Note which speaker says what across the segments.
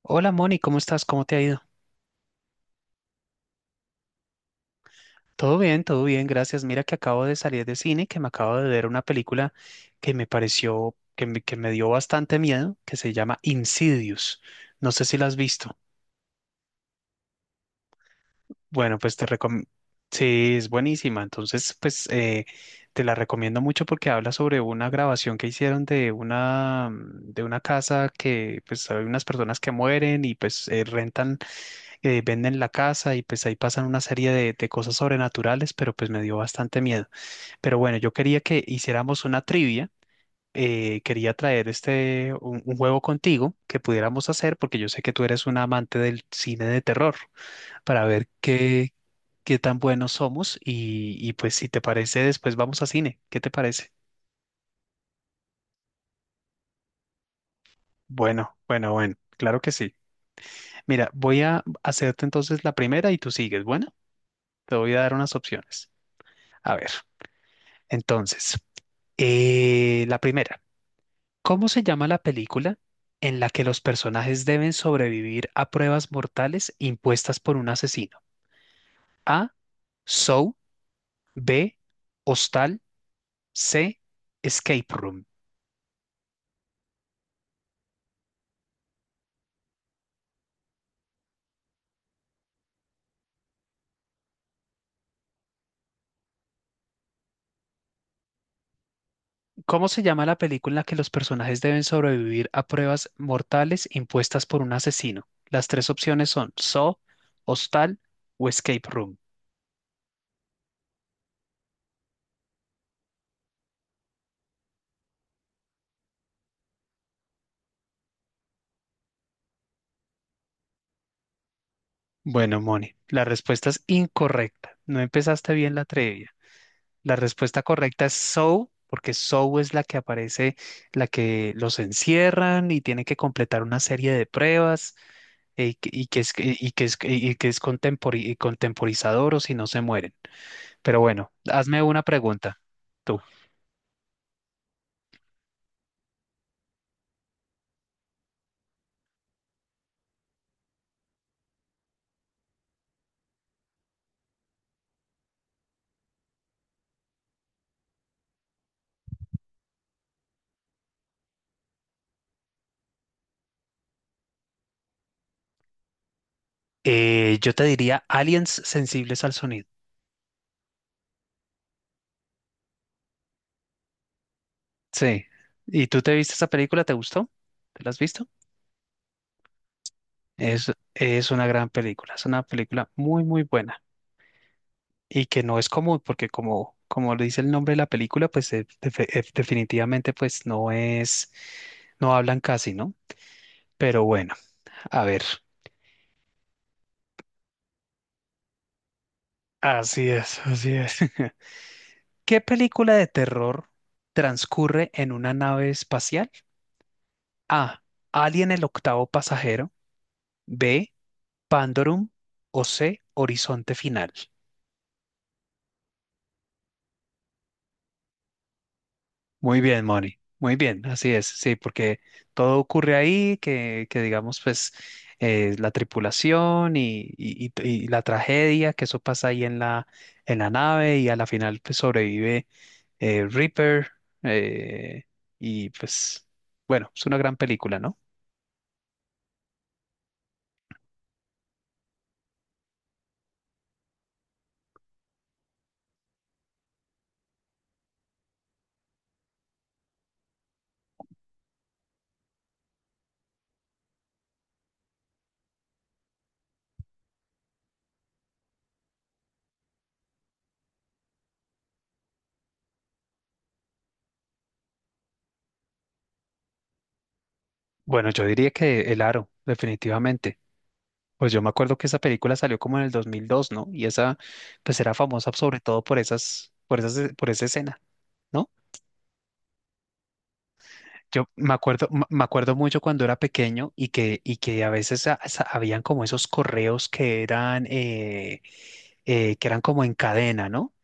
Speaker 1: Hola Moni, ¿cómo estás? ¿Cómo te ha ido? Todo bien, gracias. Mira que acabo de salir de cine, que me acabo de ver una película que me dio bastante miedo, que se llama Insidious. No sé si la has visto. Bueno, pues te recomiendo. Sí, es buenísima. Entonces, te la recomiendo mucho porque habla sobre una grabación que hicieron de una casa que, pues, hay unas personas que mueren y pues rentan venden la casa y pues ahí pasan una serie de cosas sobrenaturales, pero pues me dio bastante miedo. Pero bueno, yo quería que hiciéramos una trivia. Quería traer un juego contigo que pudiéramos hacer porque yo sé que tú eres un amante del cine de terror para ver qué tan buenos somos y pues si te parece después vamos a cine. ¿Qué te parece? Bueno, bueno, bueno, claro que sí. Mira, voy a hacerte entonces la primera y tú sigues. Bueno, te voy a dar unas opciones. A ver, entonces, la primera, ¿cómo se llama la película en la que los personajes deben sobrevivir a pruebas mortales impuestas por un asesino? A. Saw. B. Hostal. C. Escape Room. ¿Cómo se llama la película en la que los personajes deben sobrevivir a pruebas mortales impuestas por un asesino? Las tres opciones son Saw, Hostal o Escape Room. Bueno, Moni, la respuesta es incorrecta. No empezaste bien la trivia. La respuesta correcta es Sow, porque Sow es la que aparece, la que los encierran y tiene que completar una serie de pruebas que es contemporizador o si no se mueren. Pero bueno, hazme una pregunta, tú. Yo te diría aliens sensibles al sonido. Sí. ¿Y tú te viste esa película? ¿Te gustó? ¿Te la has visto? Es una gran película, es una película muy, muy buena. Y que no es común, porque como lo dice el nombre de la película, pues definitivamente pues no es, no hablan casi, ¿no? Pero bueno, a ver. Así es, así es. ¿Qué película de terror transcurre en una nave espacial? A. Alien el octavo pasajero. B. Pandorum. O C. Horizonte final. Muy bien, Moni. Muy bien, así es, sí, porque todo ocurre ahí, que digamos, pues la tripulación y la tragedia, que eso pasa ahí en la nave y a la final pues sobrevive Reaper eh, y pues bueno, es una gran película, ¿no? Bueno, yo diría que El Aro, definitivamente. Pues yo me acuerdo que esa película salió como en el 2002, ¿no? Y esa pues era famosa sobre todo por esa escena. ¿No? Yo me acuerdo, me acuerdo mucho cuando era pequeño y que a veces habían como esos correos que eran como en cadena, ¿no?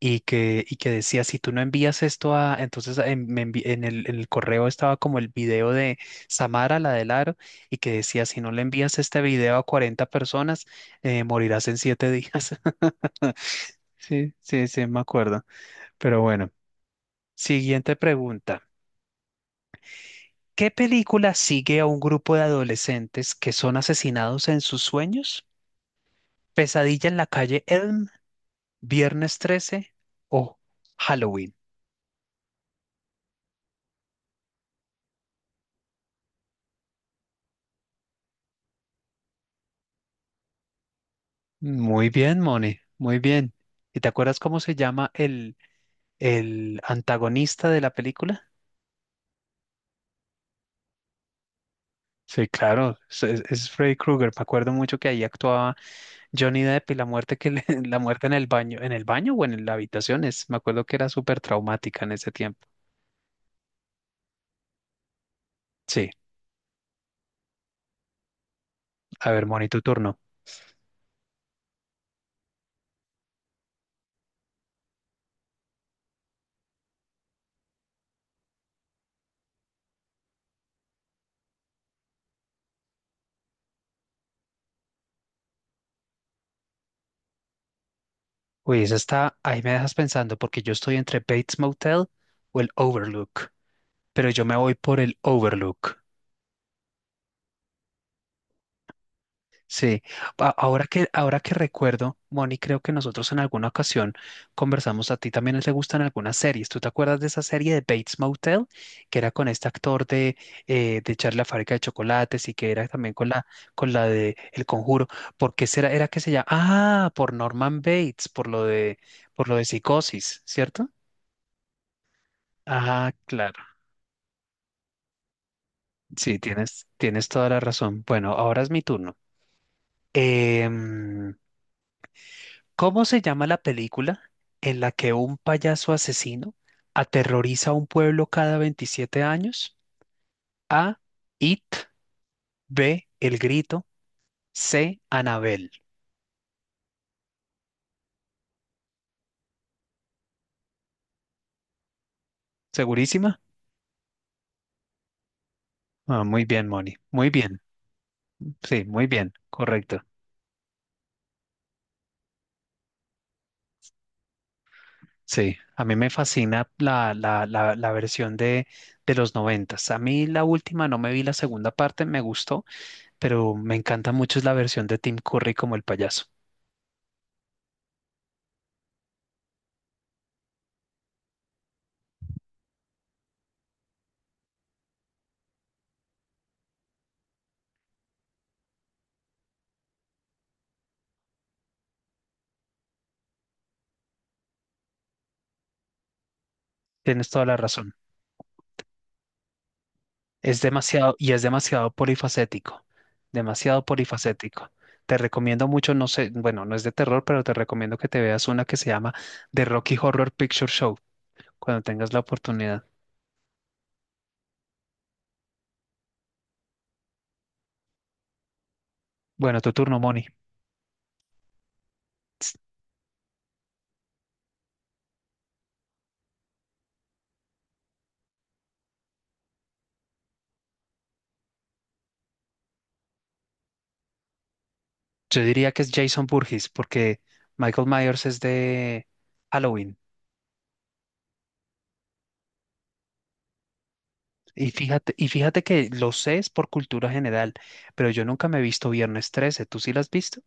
Speaker 1: Y que decía, si tú no envías esto a, entonces en, me envi- en el correo estaba como el video de Samara, la del aro, y que decía, si no le envías este video a 40 personas, morirás en 7 días. Sí, sí, sí, me acuerdo. Pero bueno, siguiente pregunta. ¿Qué película sigue a un grupo de adolescentes que son asesinados en sus sueños? ¿Pesadilla en la calle Elm, Viernes 13 o Halloween? Muy bien, Moni, muy bien. ¿Y te acuerdas cómo se llama el antagonista de la película? Sí, claro, es Freddy Krueger. Me acuerdo mucho que ahí actuaba Johnny Depp y la muerte que le- la muerte en el baño o en la habitación es, me acuerdo que era súper traumática en ese tiempo. Sí, a ver, Moni, tu turno. Uy, esa está, ahí me dejas pensando porque yo estoy entre Bates Motel o el Overlook, pero yo me voy por el Overlook. Sí, ahora que recuerdo, Moni, creo que nosotros en alguna ocasión conversamos, a ti también te gustan algunas series. ¿Tú te acuerdas de esa serie de Bates Motel que era con este actor de Charlie la fábrica de chocolates y que era también con la de El Conjuro? ¿Por qué será, era que se llama? Ah, por Norman Bates, por lo de psicosis, ¿cierto? Ah, claro. Sí, tienes, tienes toda la razón. Bueno, ahora es mi turno. Em, ¿Cómo se llama la película en la que un payaso asesino aterroriza a un pueblo cada 27 años? A. It. B. El Grito. C. Anabel. ¿Segurísima? Ah, muy bien, Moni. Muy bien. Sí, muy bien. Correcto. Sí, a mí me fascina la versión de los noventas. A mí la última no me vi la segunda parte, me gustó pero me encanta mucho es la versión de Tim Curry como el payaso. Tienes toda la razón. Es demasiado y es demasiado polifacético, demasiado polifacético. Te recomiendo mucho, no sé, bueno, no es de terror, pero te recomiendo que te veas una que se llama The Rocky Horror Picture Show cuando tengas la oportunidad. Bueno, tu turno, Moni. Ts- Yo diría que es Jason Burgess porque Michael Myers es de Halloween. Y fíjate que lo sé es por cultura general, pero yo nunca me he visto Viernes 13. ¿Tú sí lo has visto?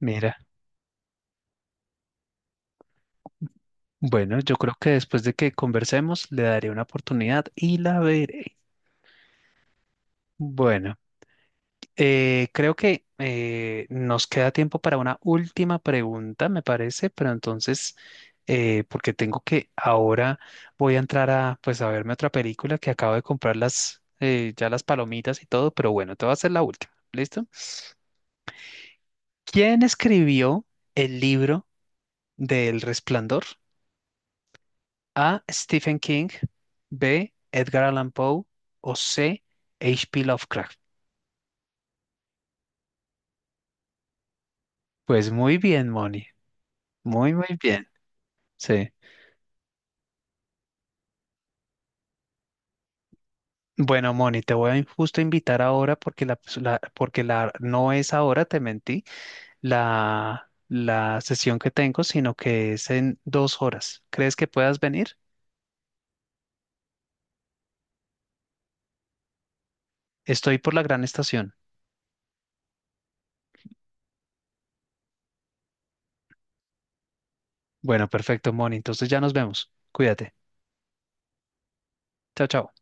Speaker 1: Mira. Bueno, yo creo que después de que conversemos le daré una oportunidad y la veré. Bueno, creo que nos queda tiempo para una última pregunta, me parece, pero entonces, porque tengo que ahora voy a entrar a, pues, a verme otra película que acabo de comprar las, ya las palomitas y todo, pero bueno, te voy a hacer la última, ¿listo? ¿Quién escribió el libro del Resplandor? A. Stephen King, B. Edgar Allan Poe o C. H.P. Lovecraft. Pues muy bien, Moni. Muy, muy bien. Sí. Bueno, Moni, te voy a justo invitar ahora porque la, pues, porque la no es ahora, te mentí, la sesión que tengo, sino que es en 2 horas. ¿Crees que puedas venir? Estoy por la gran estación. Bueno, perfecto, Moni. Entonces ya nos vemos. Cuídate. Chao, chao.